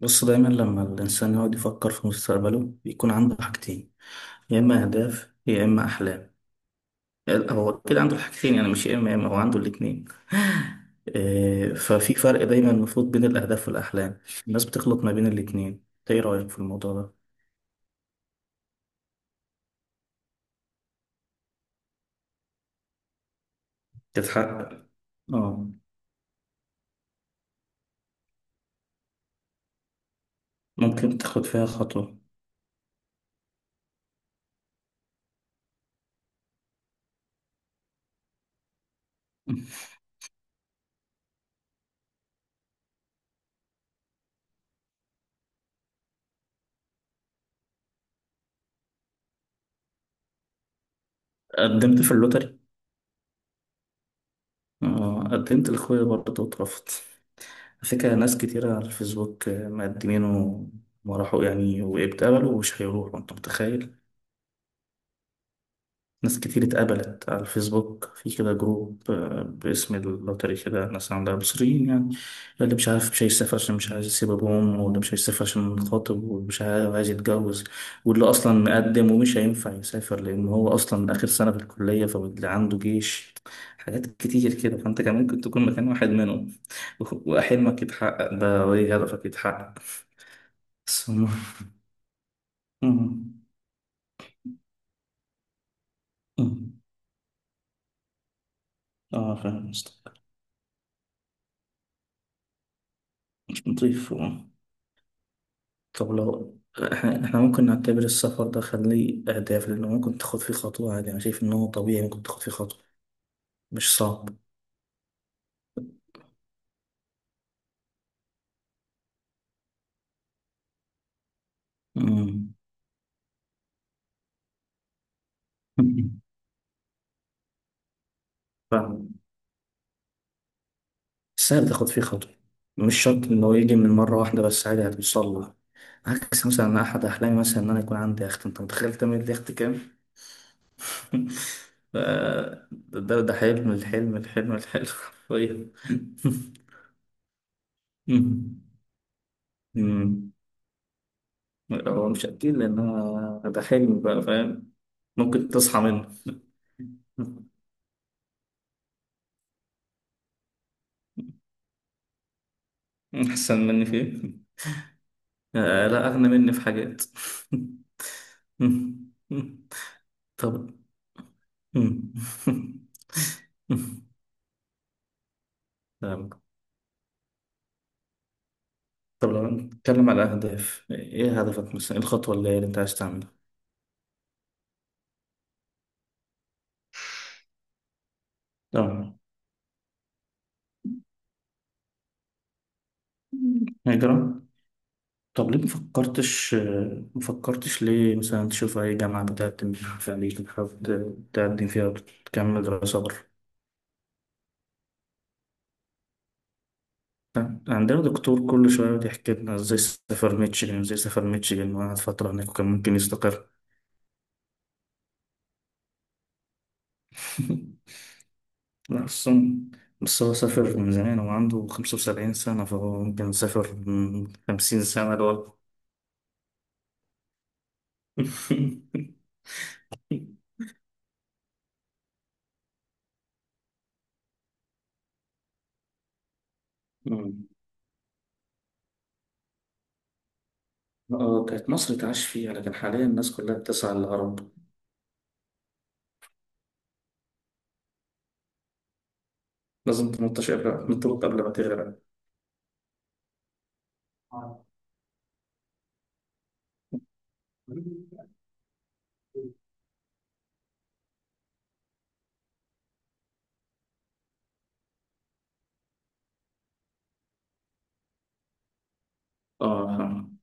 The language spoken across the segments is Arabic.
بص، دايما لما الإنسان يقعد يفكر في مستقبله بيكون عنده حاجتين، يا إما أهداف يا إما أحلام. هو كده عنده الحاجتين، يعني مش يا إما يا إما، هو عنده الاتنين. ففي فرق دايما المفروض بين الأهداف والأحلام. الناس بتخلط ما بين الاتنين. إنت إيه رأيك في الموضوع ده؟ تتحقق. آه، ممكن تاخد فيها خطوة. قدمت في اللوتري. آه، قدمت لأخويا برضه واترفضت. على فكرة، ناس كتيرة على الفيسبوك مقدمين وما راحوا يعني، واتقبلوا ومش هيروحوا، انت متخيل؟ ناس كتير اتقبلت على الفيسبوك، في كده جروب باسم اللوتري كده، ناس عندها مصريين يعني. اللي مش عارف مش هيسافر عشان مش عايز يسيب ابوهم، واللي مش هيسافر عشان خاطب، واللي مش عايز عايز يتجوز، واللي اصلا مقدم ومش هينفع يسافر لان هو اصلا اخر سنة في الكلية، فاللي عنده جيش، حاجات كتير كده. فانت كان ممكن تكون مكان واحد منهم. وحلمك يتحقق ده، وايه هدفك يتحقق سمو. أمم. أمم. اه، فاهم قصدك. نضيف، آه. طب لو احنا ممكن نعتبر السفر ده خليه اهداف، لانه ممكن تاخد فيه خطوة عادي. انا شايف ان هو طبيعي، ممكن تاخد فيه خطوة، مش صعب. أمم. أمم. فاهم. سهل تاخد فيه خطوة. مش شرط ان هو يجي من مرة واحدة، بس عادي هتوصل له. عكس مثلا، أنا احد احلامي مثلا ان انا يكون عندي يخت. انت متخيل تعمل لي يخت كام؟ ف- ده حلم. الحلم الحلم الحلم حرفيا. مم. هو مش أكيد، لأن أنا ده حلم بقى، فاهم. ممكن تصحى منه. أحسن مني في إيه؟ آه، لا، أغنى مني في حاجات. طب طب طب لو نتكلم على أهداف، إيه هدفك مثلا؟ إيه الخطوة اللي أنت عايز تعملها؟ طب هجرة. طب ليه مفكرتش؟ مفكرتش ليه مثلا تشوف أي جامعة بتقدم في أمريكا حابب تقدم فيها وتكمل دراسة بره؟ كان عندنا دكتور كل شوية يقعد يحكي لنا ازاي سافر ميتشيغن، ازاي سافر ميتشيغن، وقعد فترة هناك وكان ممكن يستقر. لا أصلا، بس هو سافر من زمان، هو عنده 75 سنة، فهو ممكن سافر من 50 سنة لورا. مم. اه، كانت مصر تعيش فيها، لكن حاليا الناس كلها بتسعى للهرب. لازم تنطش، قبل تنطلق قبل ما تغرق. اه، فاهم.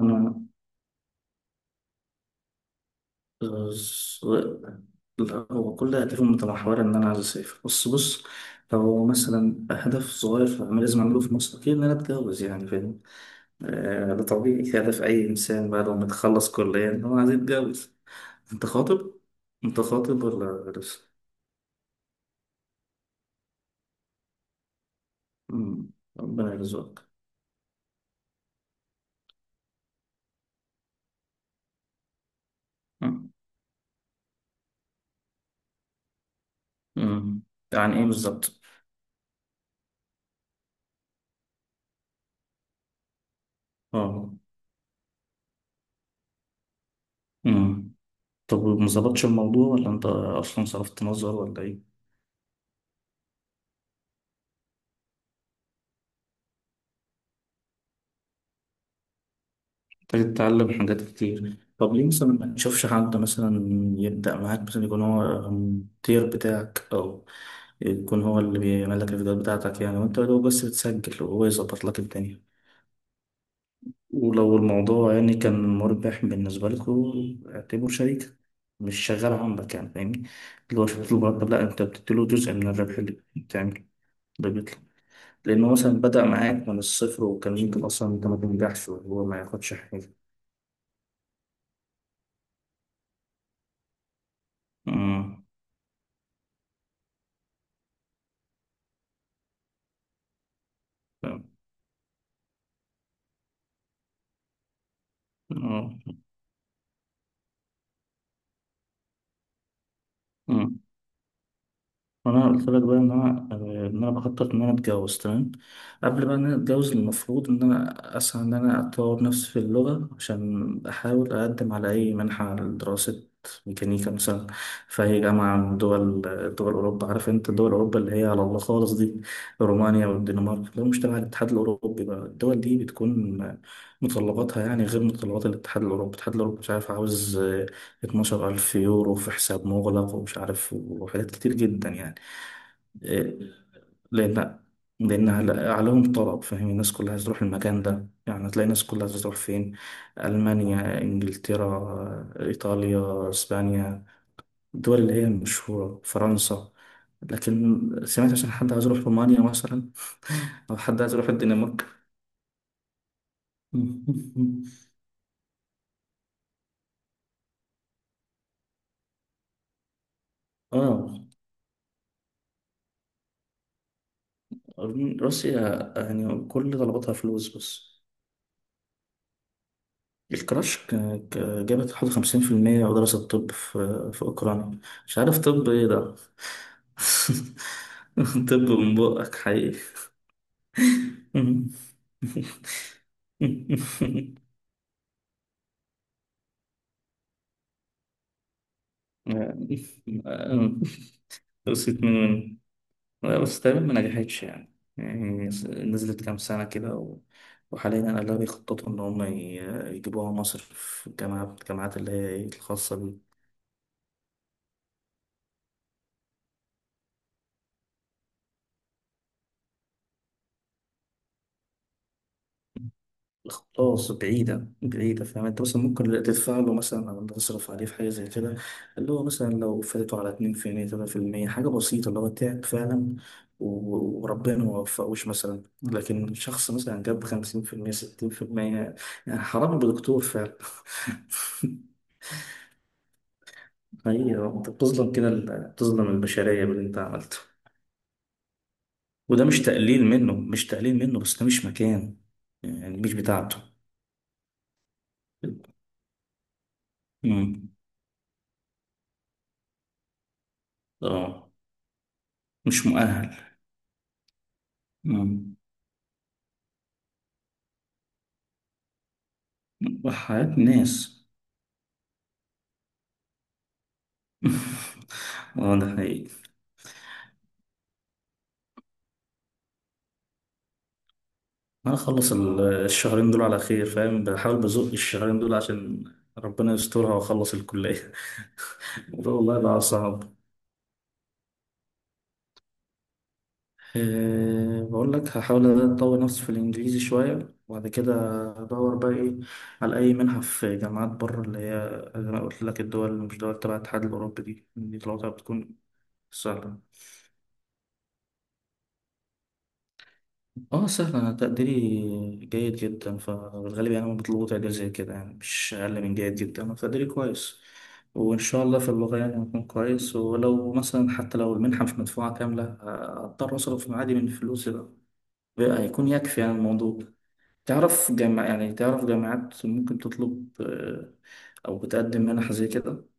انا، آه، لا، هو كل أهدافه متمحورة إن أنا عايز أسافر. بس بص، لو مثلا هدف صغير في لازم أعمله في مصر، أكيد إن أنا أتجوز يعني، فاهم. آه، ده طبيعي. هدف أي إنسان بعد ما يتخلص كلية إن هو عايز يتجوز. أنت خاطب؟ أنت خاطب ولا لسه؟ مم، ربنا يرزقك. مم، مم. يعني إيه بالظبط؟ أه. مم. طب ما ظبطش الموضوع، ولا أنت أصلا صرفت نظر، ولا إيه؟ تبتدي تتعلم حاجات كتير. طب ليه مثلا ما تشوفش حد مثلا يبدأ معاك، مثلا يكون هو المدير بتاعك، أو يكون هو اللي بيعمل لك الفيديوهات بتاعتك يعني، وأنت لو بس بتسجل وهو يظبط لك الدنيا. ولو الموضوع يعني كان مربح بالنسبة لكم، اعتبره شريك، مش شغال عندك يعني، فاهمني. اللي هو شفت له مرتب، لا، أنت بتديله جزء من الربح اللي بتعمله، اللي بيطلع، لأنه مثلا بدأ معاك من الصفر، وكان ممكن أصلا أنت ما تنجحش وهو ما ياخدش حاجة. أمم. آه. مم. انا قلت لك بقى ان انا بخطط ان انا اتجوز، تمام. قبل بقى ان انا اتجوز، المفروض ان انا اسعى ان انا اطور نفسي في اللغه، عشان احاول اقدم على اي منحه لدراسه ميكانيكا مثلا، في اي جامعه من دول اوروبا. عارف انت دول اوروبا اللي هي على الله خالص دي، رومانيا والدنمارك، لو مش تبع الاتحاد الاوروبي بقى، الدول دي بتكون متطلباتها يعني غير متطلبات الاتحاد الاوروبي. الاتحاد الاوروبي مش عارف، عاوز 12,000 يورو في حساب مغلق، ومش عارف، وحاجات كتير جدا يعني. إيه، لأن لأن عليهم طلب، فاهم. الناس كلها عايزة تروح المكان ده يعني، هتلاقي الناس كلها عايزة تروح فين؟ ألمانيا، إنجلترا، إيطاليا، إسبانيا، الدول اللي هي المشهورة، فرنسا. لكن سمعت عشان حد عايز يروح رومانيا مثلا، أو حد عايز يروح الدنمارك؟ آه، روسيا، يعني كل طلباتها فلوس بس. الكراش جابت حوالي 50%، ودراسة الطب في أوكرانيا. مش عارف طب إيه ده. طب من بقك حقيقي. خلصت من، لا، بس تقريبا ما نجحتش يعني، نزلت كام سنة كده و. وحاليا أنا، لا، بيخططوا إن هم يجيبوها مصر في الجامعات، اللي هي إيه، الخاصة. خلاص بعيدة، بعيدة، فاهم. انت مثلا ممكن تدفع له مثلا، او تصرف عليه في حاجة زي كده، اللي هو مثلا لو فاتته على 2%، 3%، حاجة بسيطة، اللي هو تعب فعلا وربنا ما وفقوش مثلا، لكن شخص مثلا جاب 50%، 60%. يعني حرام بدكتور فعلا. حقيقة انت بتظلم كده، بتظلم البشرية باللي انت عملته. وده مش تقليل منه، مش تقليل منه، بس ده مش مكانه، يعني مش بتاعته. مم. اه، مش مؤهل. مم. وحياة ناس. اه، ده حقيقي. انا اخلص الشهرين دول على خير، فاهم. بحاول بزق الشهرين دول عشان ربنا يسترها واخلص الكلية. وده والله بقى صعب. أه، بقول لك هحاول اطور نفسي في الانجليزي شوية، وبعد كده ادور بقى، ايه، على اي منحة في جامعات بره، اللي هي زي ما قلت لك، الدول اللي مش دول تبع الاتحاد الاوروبي دي طلعتها بتكون سهلة. اه سهل. انا تقديري جيد جدا، فبالغالب يعني انا بطلبه تقدير زي كده يعني، مش اقل من جيد جدا. انا تقديري كويس، وان شاء الله في اللغه يعني هكون كويس، ولو مثلا، حتى لو المنحه مش مدفوعه كامله، هضطر اصرف معادي من فلوسي بقى، بقى هيكون يكفي يعني الموضوع. تعرف جامعة يعني، تعرف جامعات ممكن تطلب، او بتقدم منح زي كده